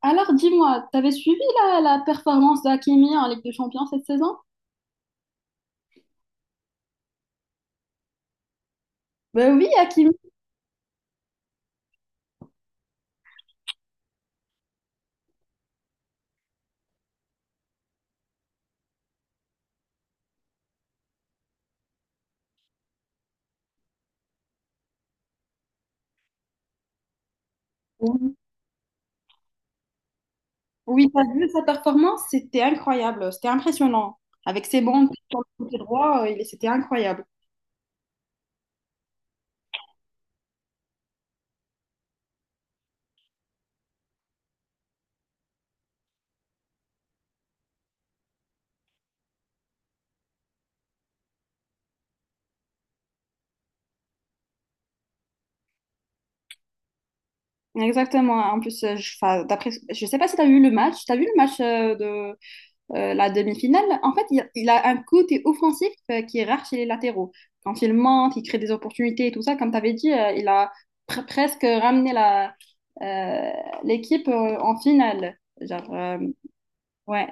Alors dis-moi, t'avais suivi la performance d'Hakimi en Ligue des Champions cette saison? Ben oui, Hakimi. Oui, oui, t'as vu sa performance? C'était incroyable, c'était impressionnant. Avec ses bons sur le côté droit, c'était incroyable. Exactement. En plus, enfin, d'après, je sais pas si t'as vu le match. T'as vu le match la demi-finale, en fait, il a un côté offensif qui est rare chez les latéraux. Quand il monte, il crée des opportunités et tout ça, comme tu avais dit, il a presque ramené euh, l'équipe en finale. Genre, ouais,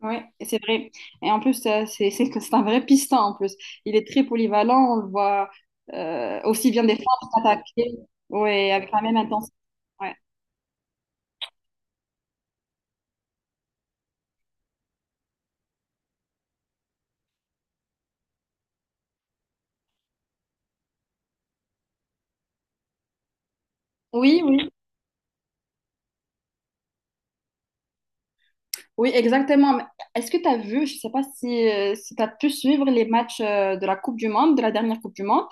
ouais, c'est vrai. Et en plus, c'est que c'est un vrai piston en plus. Il est très polyvalent, on le voit aussi bien défendre qu'attaquer, ouais, avec la même intensité. Ouais. Oui, oui. Oui, exactement. Mais est-ce que tu as vu, je ne sais pas si, si tu as pu suivre les matchs de la Coupe du Monde, de la dernière Coupe du Monde,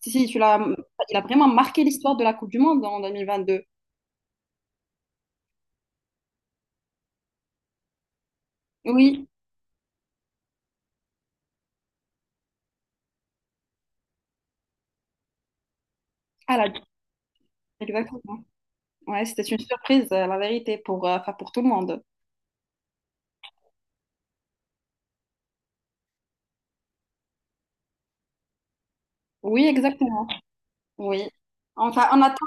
si si, tu l'as, il a vraiment marqué l'histoire de la Coupe du Monde en 2022. Oui, à la, exactement. Ouais, c'était une surprise, la vérité, enfin, pour tout le monde. Oui, exactement. Oui. Enfin, on attend,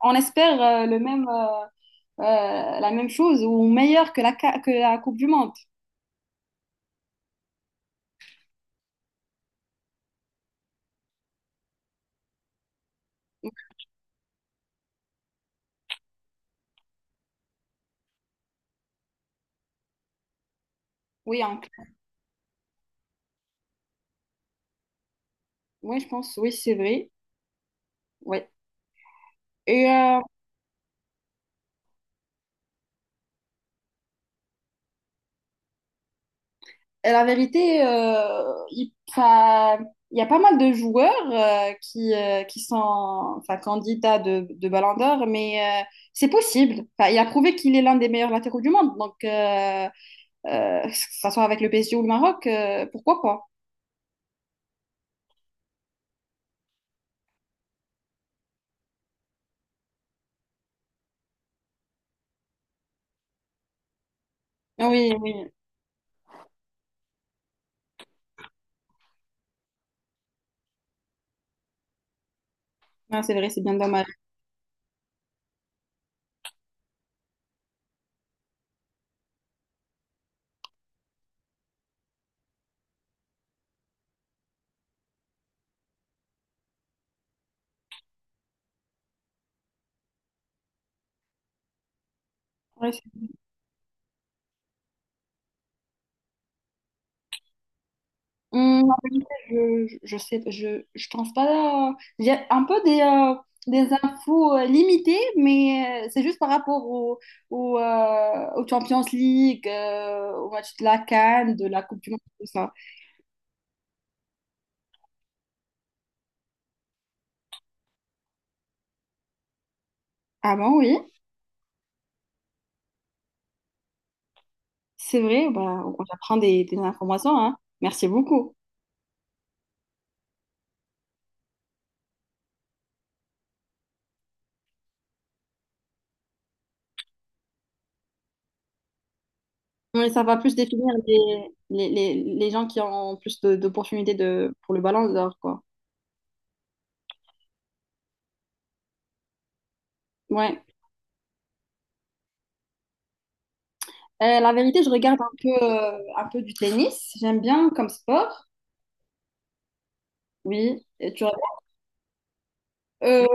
on espère la même chose ou meilleur que que la Coupe du Monde. Oui, oui, je pense, oui, c'est vrai. Oui. Et et la vérité, 'fin, il y a pas mal de joueurs qui sont enfin, candidats de Ballon d'Or, mais c'est possible. Enfin, il a prouvé qu'il est l'un des meilleurs latéraux du monde, donc que ça soit avec le PSG ou le Maroc, pourquoi pas? Ah oui, oui, ah, c'est vrai, c'est bien dommage. Ouais, en vérité, je pense pas. J'ai un peu des infos limitées, mais c'est juste par rapport aux Champions League, au match de la CAN, de la Coupe du Monde, tout ça. Ah bon, oui, c'est vrai, bah, on apprend des informations, hein. Merci beaucoup. Oui, ça va plus définir les, gens qui ont plus d'opportunités pour le ballon d'or, quoi. Ouais. La vérité, je regarde un peu du tennis. J'aime bien comme sport. Oui, et tu réponds. euh,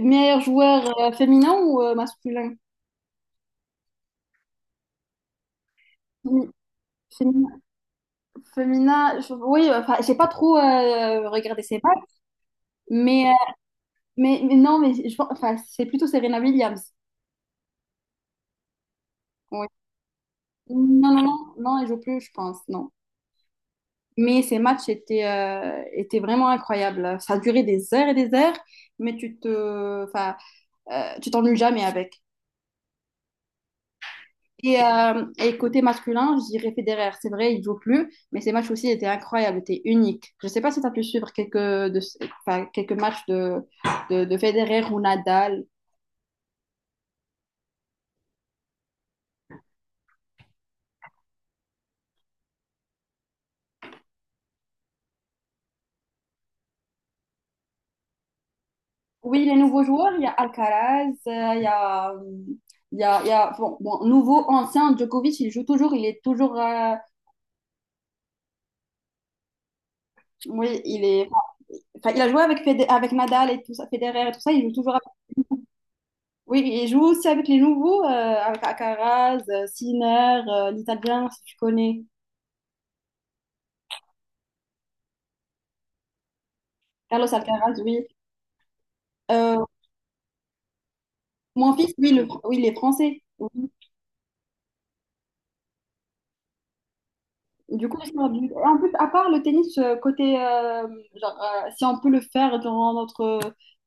meilleur joueur féminin ou masculin? Fémi- Féminin, féminin, oui, enfin, j'ai pas trop regardé ses matchs, mais, mais non, mais je pense, enfin, c'est plutôt Serena Williams. Oui. Non, non, non, non, elle joue plus, je pense, non. Mais ces matchs étaient, étaient vraiment incroyables. Ça durait des heures et des heures, mais enfin, tu t'ennuies jamais avec. Et côté masculin, je dirais Federer. C'est vrai, il joue plus, mais ses matchs aussi étaient incroyables, étaient uniques. Je ne sais pas si tu as pu suivre enfin, quelques matchs de Federer ou Nadal. Oui, les nouveaux joueurs, il y a Alcaraz, bon, nouveau, ancien, Djokovic, il joue toujours, il est toujours, oui, enfin, il a joué avec Nadal et tout ça, Federer et tout ça, il joue toujours avec, oui, il joue aussi avec les nouveaux, avec Alcaraz, Sinner, l'Italien, si tu connais. Carlos Alcaraz, oui. Euh, mon fils, oui, oui, il est français. Oui. Du coup, en plus, à part le tennis, genre, si on peut le faire durant notre,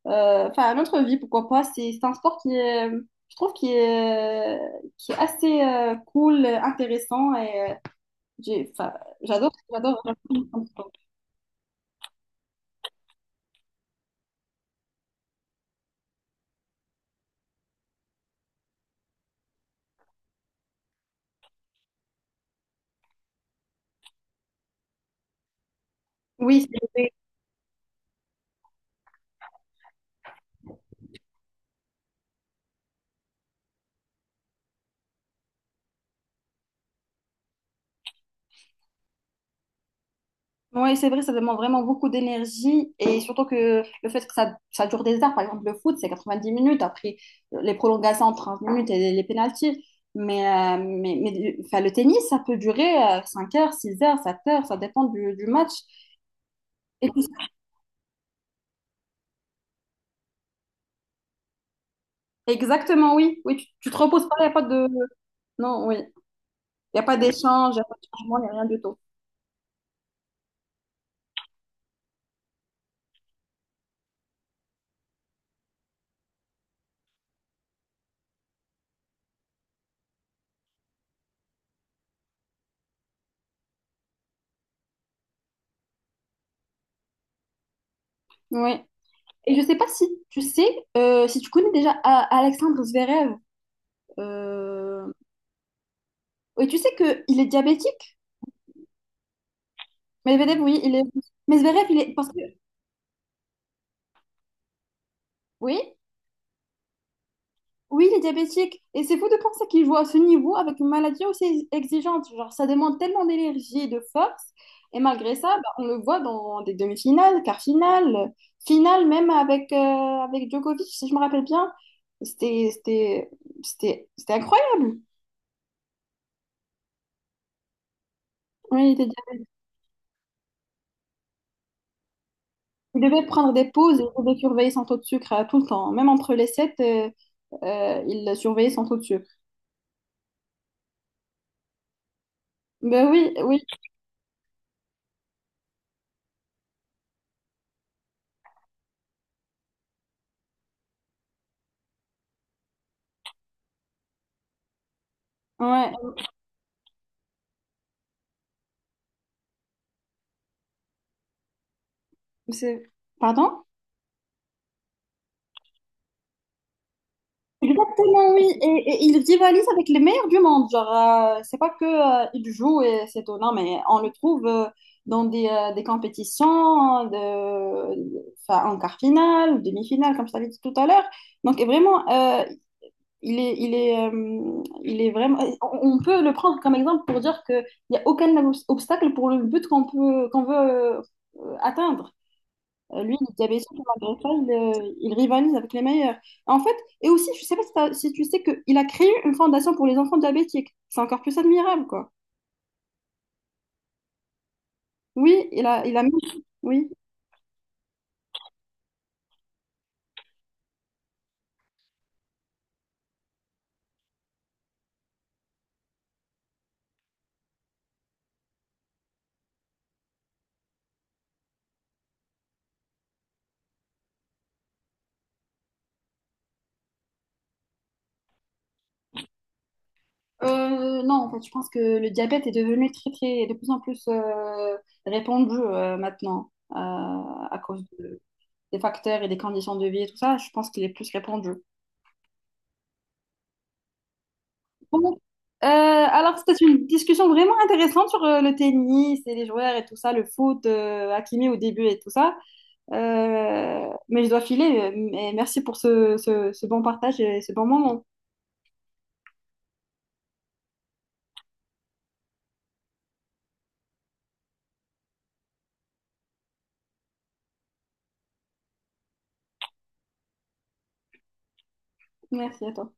euh, enfin, notre vie, pourquoi pas, c'est un sport qui est, je trouve, qui est assez cool, intéressant et enfin, j'adore, j'adore. J'adore. Oui, oui, c'est vrai, ça demande vraiment beaucoup d'énergie et surtout que le fait que ça dure des heures, par exemple le foot, c'est 90 minutes, après les prolongations, 30 minutes et les pénaltys. Mais, mais enfin, le tennis, ça peut durer 5 heures, 6 heures, 7 heures, ça dépend du match. Et puis- exactement, oui, oui, tu te reposes pas, il n'y a pas de. Non, oui, il n'y a pas d'échange, il n'y a pas de changement, il n'y a rien du tout. Oui. Et je sais pas si tu sais, si tu connais déjà Alexandre Zverev. euh, Oui, tu sais que il est diabétique. Medvedev, oui, il est. Mais Zverev, il est. Parce que. Oui, oui, il est diabétique. Et c'est fou de penser qu'il joue à ce niveau avec une maladie aussi exigeante. Genre, ça demande tellement d'énergie et de force. Et malgré ça, bah, on le voit dans des demi-finales, quarts finales, finale même avec Djokovic, si je me rappelle bien. C'était c'était- c'était incroyable. Oui, il était diabétique. Il devait prendre des pauses et il devait surveiller son taux de sucre tout le temps. Même entre les sets, il surveillait son taux de sucre. Ben oui, oui. Ouais. C'est- Pardon? Exactement, oui. Et il rivalise avec les meilleurs du monde. Genre, c'est pas que, il joue et c'est tout. Non, mais on le trouve dans des compétitions enfin, en quart finale, demi-finale, comme je t'avais dit tout à l'heure. Donc, et vraiment, il est vraiment. On peut le prendre comme exemple pour dire qu'il n'y a aucun obstacle pour le but qu'on veut atteindre. Lui, il est diabétique, et malgré ça, il rivalise avec les meilleurs. En fait, et aussi, je sais pas si, si tu sais qu'il a créé une fondation pour les enfants diabétiques. C'est encore plus admirable, quoi. Oui, il a mis. Oui. Non, en fait, je pense que le diabète est devenu très, très, de plus en plus répandu maintenant à cause des facteurs et des conditions de vie et tout ça. Je pense qu'il est plus répandu. Bon, alors c'était une discussion vraiment intéressante sur le tennis et les joueurs et tout ça, le foot, Hakimi au début et tout ça. Mais je dois filer. Mais merci pour ce bon partage et ce bon moment. Merci à toi.